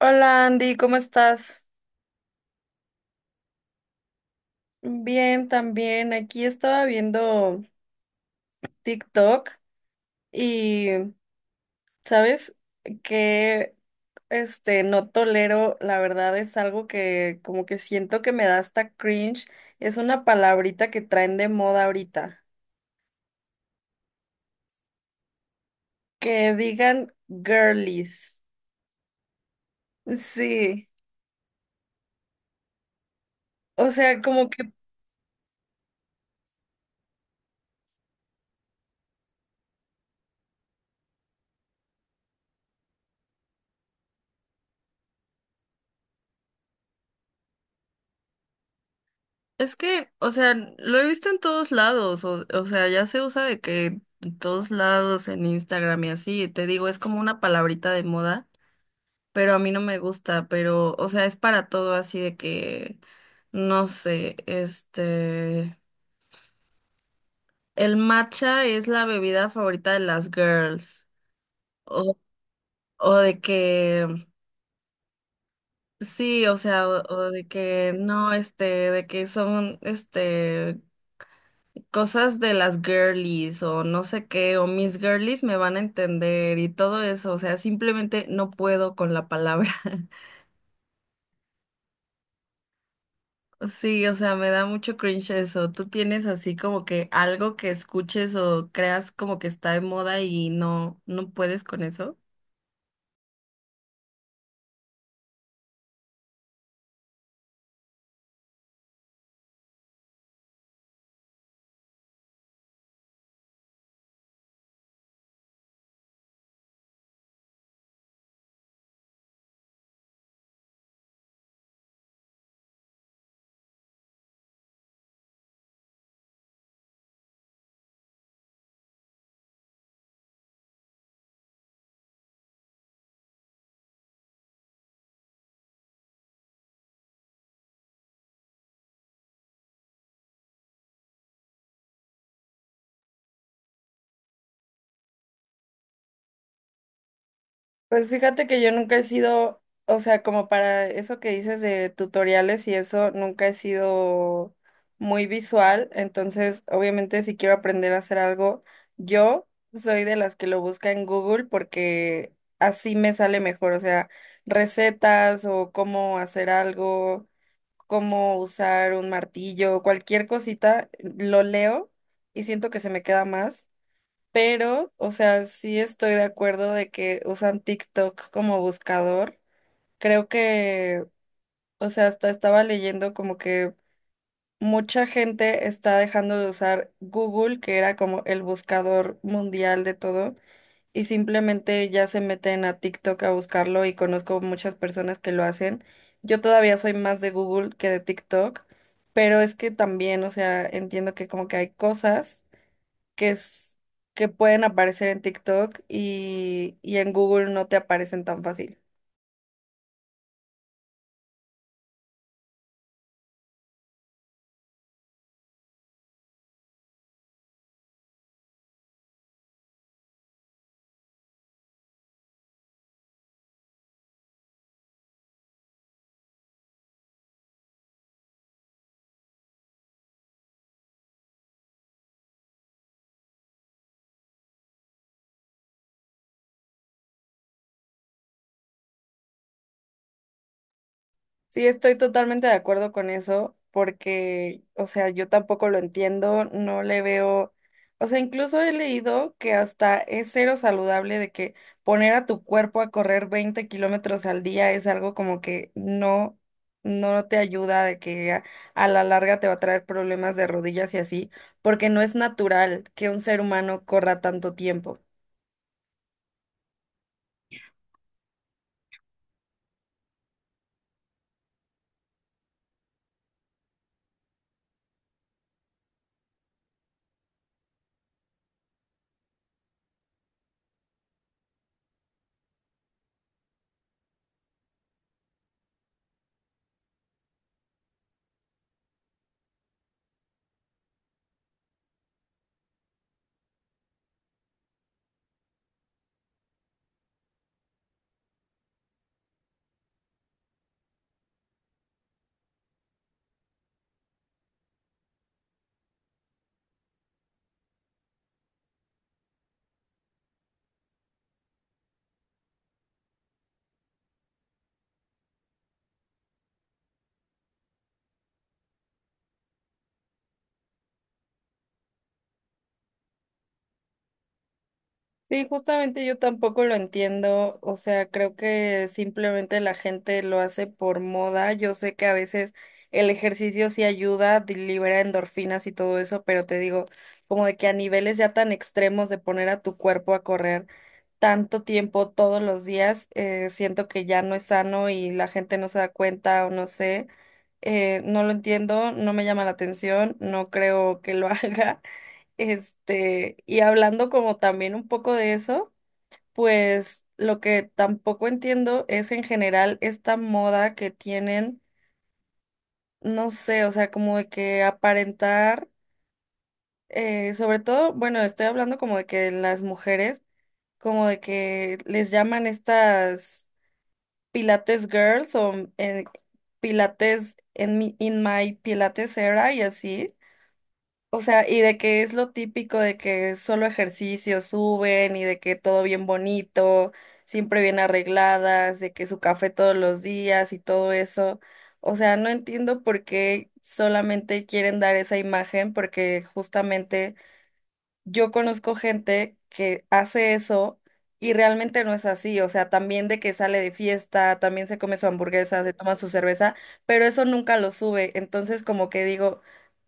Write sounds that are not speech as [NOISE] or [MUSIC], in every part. Hola Andy, ¿cómo estás? Bien, también. Aquí estaba viendo TikTok y, ¿sabes? Que no tolero, la verdad es algo que como que siento que me da hasta cringe. Es una palabrita que traen de moda ahorita. Que digan girlies. Sí. O sea, como que Es que, o sea, lo he visto en todos lados, o sea, ya se usa de que en todos lados, en Instagram y así, te digo, es como una palabrita de moda, pero a mí no me gusta, pero, o sea, es para todo así de que, no sé, el matcha es la bebida favorita de las girls, o, o de que, sí, o sea, o de que, no, de que son, cosas de las girlies o no sé qué o mis girlies me van a entender y todo eso, o sea, simplemente no puedo con la palabra. [LAUGHS] Sí, o sea, me da mucho cringe eso. ¿Tú tienes así como que algo que escuches o creas como que está de moda y no puedes con eso? Pues fíjate que yo nunca he sido, o sea, como para eso que dices de tutoriales y eso, nunca he sido muy visual, entonces obviamente si quiero aprender a hacer algo, yo soy de las que lo busca en Google porque así me sale mejor, o sea, recetas o cómo hacer algo, cómo usar un martillo, cualquier cosita, lo leo y siento que se me queda más. Pero, o sea, sí estoy de acuerdo de que usan TikTok como buscador. Creo que, o sea, hasta estaba leyendo como que mucha gente está dejando de usar Google, que era como el buscador mundial de todo, y simplemente ya se meten a TikTok a buscarlo y conozco muchas personas que lo hacen. Yo todavía soy más de Google que de TikTok, pero es que también, o sea, entiendo que como que hay cosas que es, que pueden aparecer en TikTok y en Google no te aparecen tan fácil. Sí, estoy totalmente de acuerdo con eso, porque, o sea, yo tampoco lo entiendo, no le veo, o sea, incluso he leído que hasta es cero saludable de que poner a tu cuerpo a correr 20 kilómetros al día es algo como que no, no te ayuda, de que a la larga te va a traer problemas de rodillas y así, porque no es natural que un ser humano corra tanto tiempo. Sí, justamente yo tampoco lo entiendo, o sea, creo que simplemente la gente lo hace por moda. Yo sé que a veces el ejercicio sí ayuda, libera endorfinas y todo eso, pero te digo, como de que a niveles ya tan extremos de poner a tu cuerpo a correr tanto tiempo todos los días, siento que ya no es sano y la gente no se da cuenta o no sé, no lo entiendo, no me llama la atención, no creo que lo [LAUGHS] haga. Y hablando como también un poco de eso, pues lo que tampoco entiendo es en general esta moda que tienen, no sé, o sea, como de que aparentar, sobre todo, bueno, estoy hablando como de que las mujeres, como de que les llaman estas Pilates Girls o Pilates en mi, in my Pilates era y así. O sea, y de que es lo típico de que solo ejercicio suben y de que todo bien bonito, siempre bien arregladas, de que su café todos los días y todo eso. O sea, no entiendo por qué solamente quieren dar esa imagen, porque justamente yo conozco gente que hace eso y realmente no es así, o sea, también de que sale de fiesta, también se come su hamburguesa, se toma su cerveza, pero eso nunca lo sube, entonces como que digo,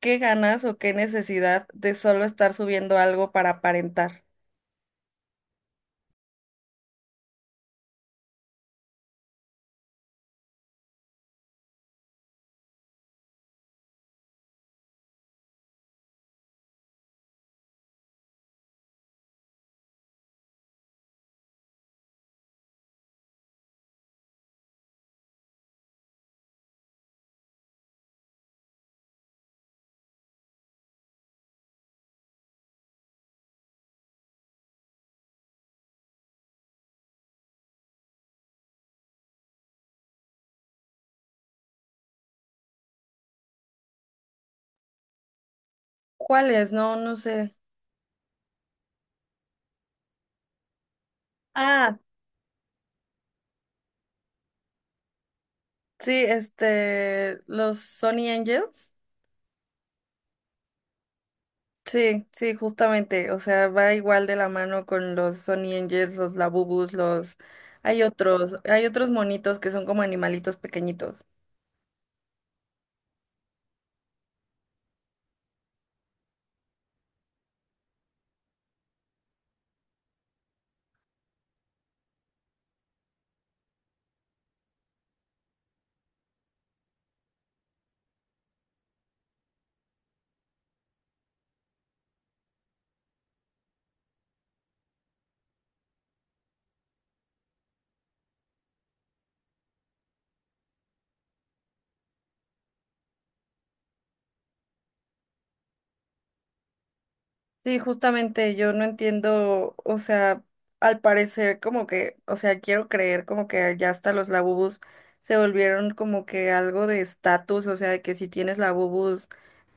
¿qué ganas o qué necesidad de solo estar subiendo algo para aparentar? ¿Cuáles? No, no sé. Ah, sí, los Sony Angels. Sí, sí, justamente, o sea, va igual de la mano con los Sonny Angels, los Labubus, los... hay otros monitos que son como animalitos pequeñitos. Sí, justamente, yo no entiendo, o sea, al parecer como que, o sea, quiero creer como que ya hasta los Labubus se volvieron como que algo de estatus, o sea, de que si tienes Labubus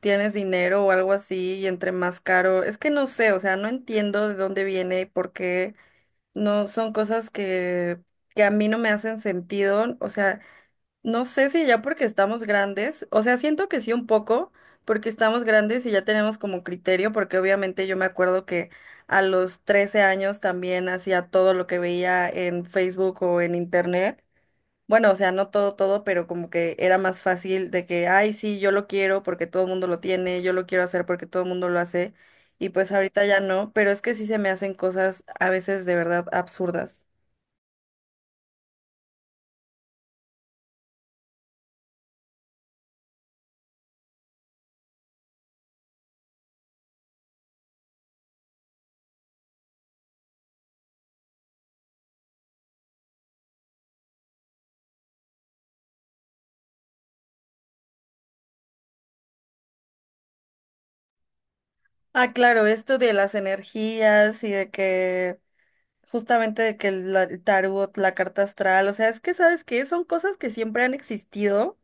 tienes dinero o algo así y entre más caro, es que no sé, o sea, no entiendo de dónde viene y por qué. No, son que a mí no me hacen sentido. O sea, no sé si ya porque estamos grandes, o sea, siento que sí un poco, porque estamos grandes y ya tenemos como criterio, porque obviamente yo me acuerdo que a los 13 años también hacía todo lo que veía en Facebook o en Internet. Bueno, o sea, no todo, todo, pero como que era más fácil de que, ay, sí, yo lo quiero porque todo el mundo lo tiene, yo lo quiero hacer porque todo el mundo lo hace, y pues ahorita ya no, pero es que sí se me hacen cosas a veces de verdad absurdas. Ah, claro, esto de las energías y de que justamente de que el tarot, la carta astral, o sea, es que sabes que son cosas que siempre han existido,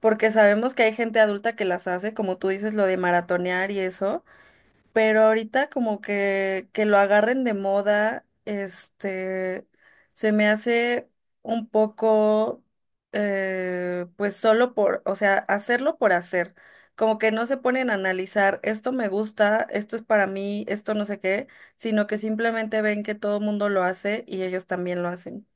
porque sabemos que hay gente adulta que las hace, como tú dices, lo de maratonear y eso. Pero ahorita como que lo agarren de moda, se me hace un poco, pues solo por, o sea, hacerlo por hacer, como que no se ponen a analizar, esto me gusta, esto es para mí, esto no sé qué, sino que simplemente ven que todo el mundo lo hace y ellos también lo hacen.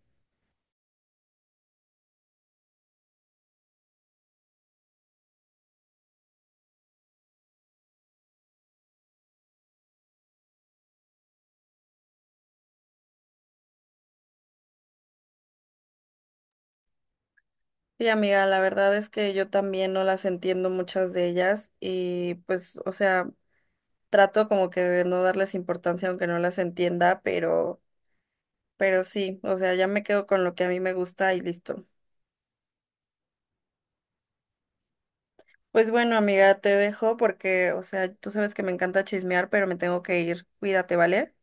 Sí, amiga, la verdad es que yo también no las entiendo muchas de ellas y pues, o sea... trato como que de no darles importancia aunque no las entienda, pero sí, o sea, ya me quedo con lo que a mí me gusta y listo. Pues bueno, amiga, te dejo porque, o sea, tú sabes que me encanta chismear, pero me tengo que ir. Cuídate, ¿vale?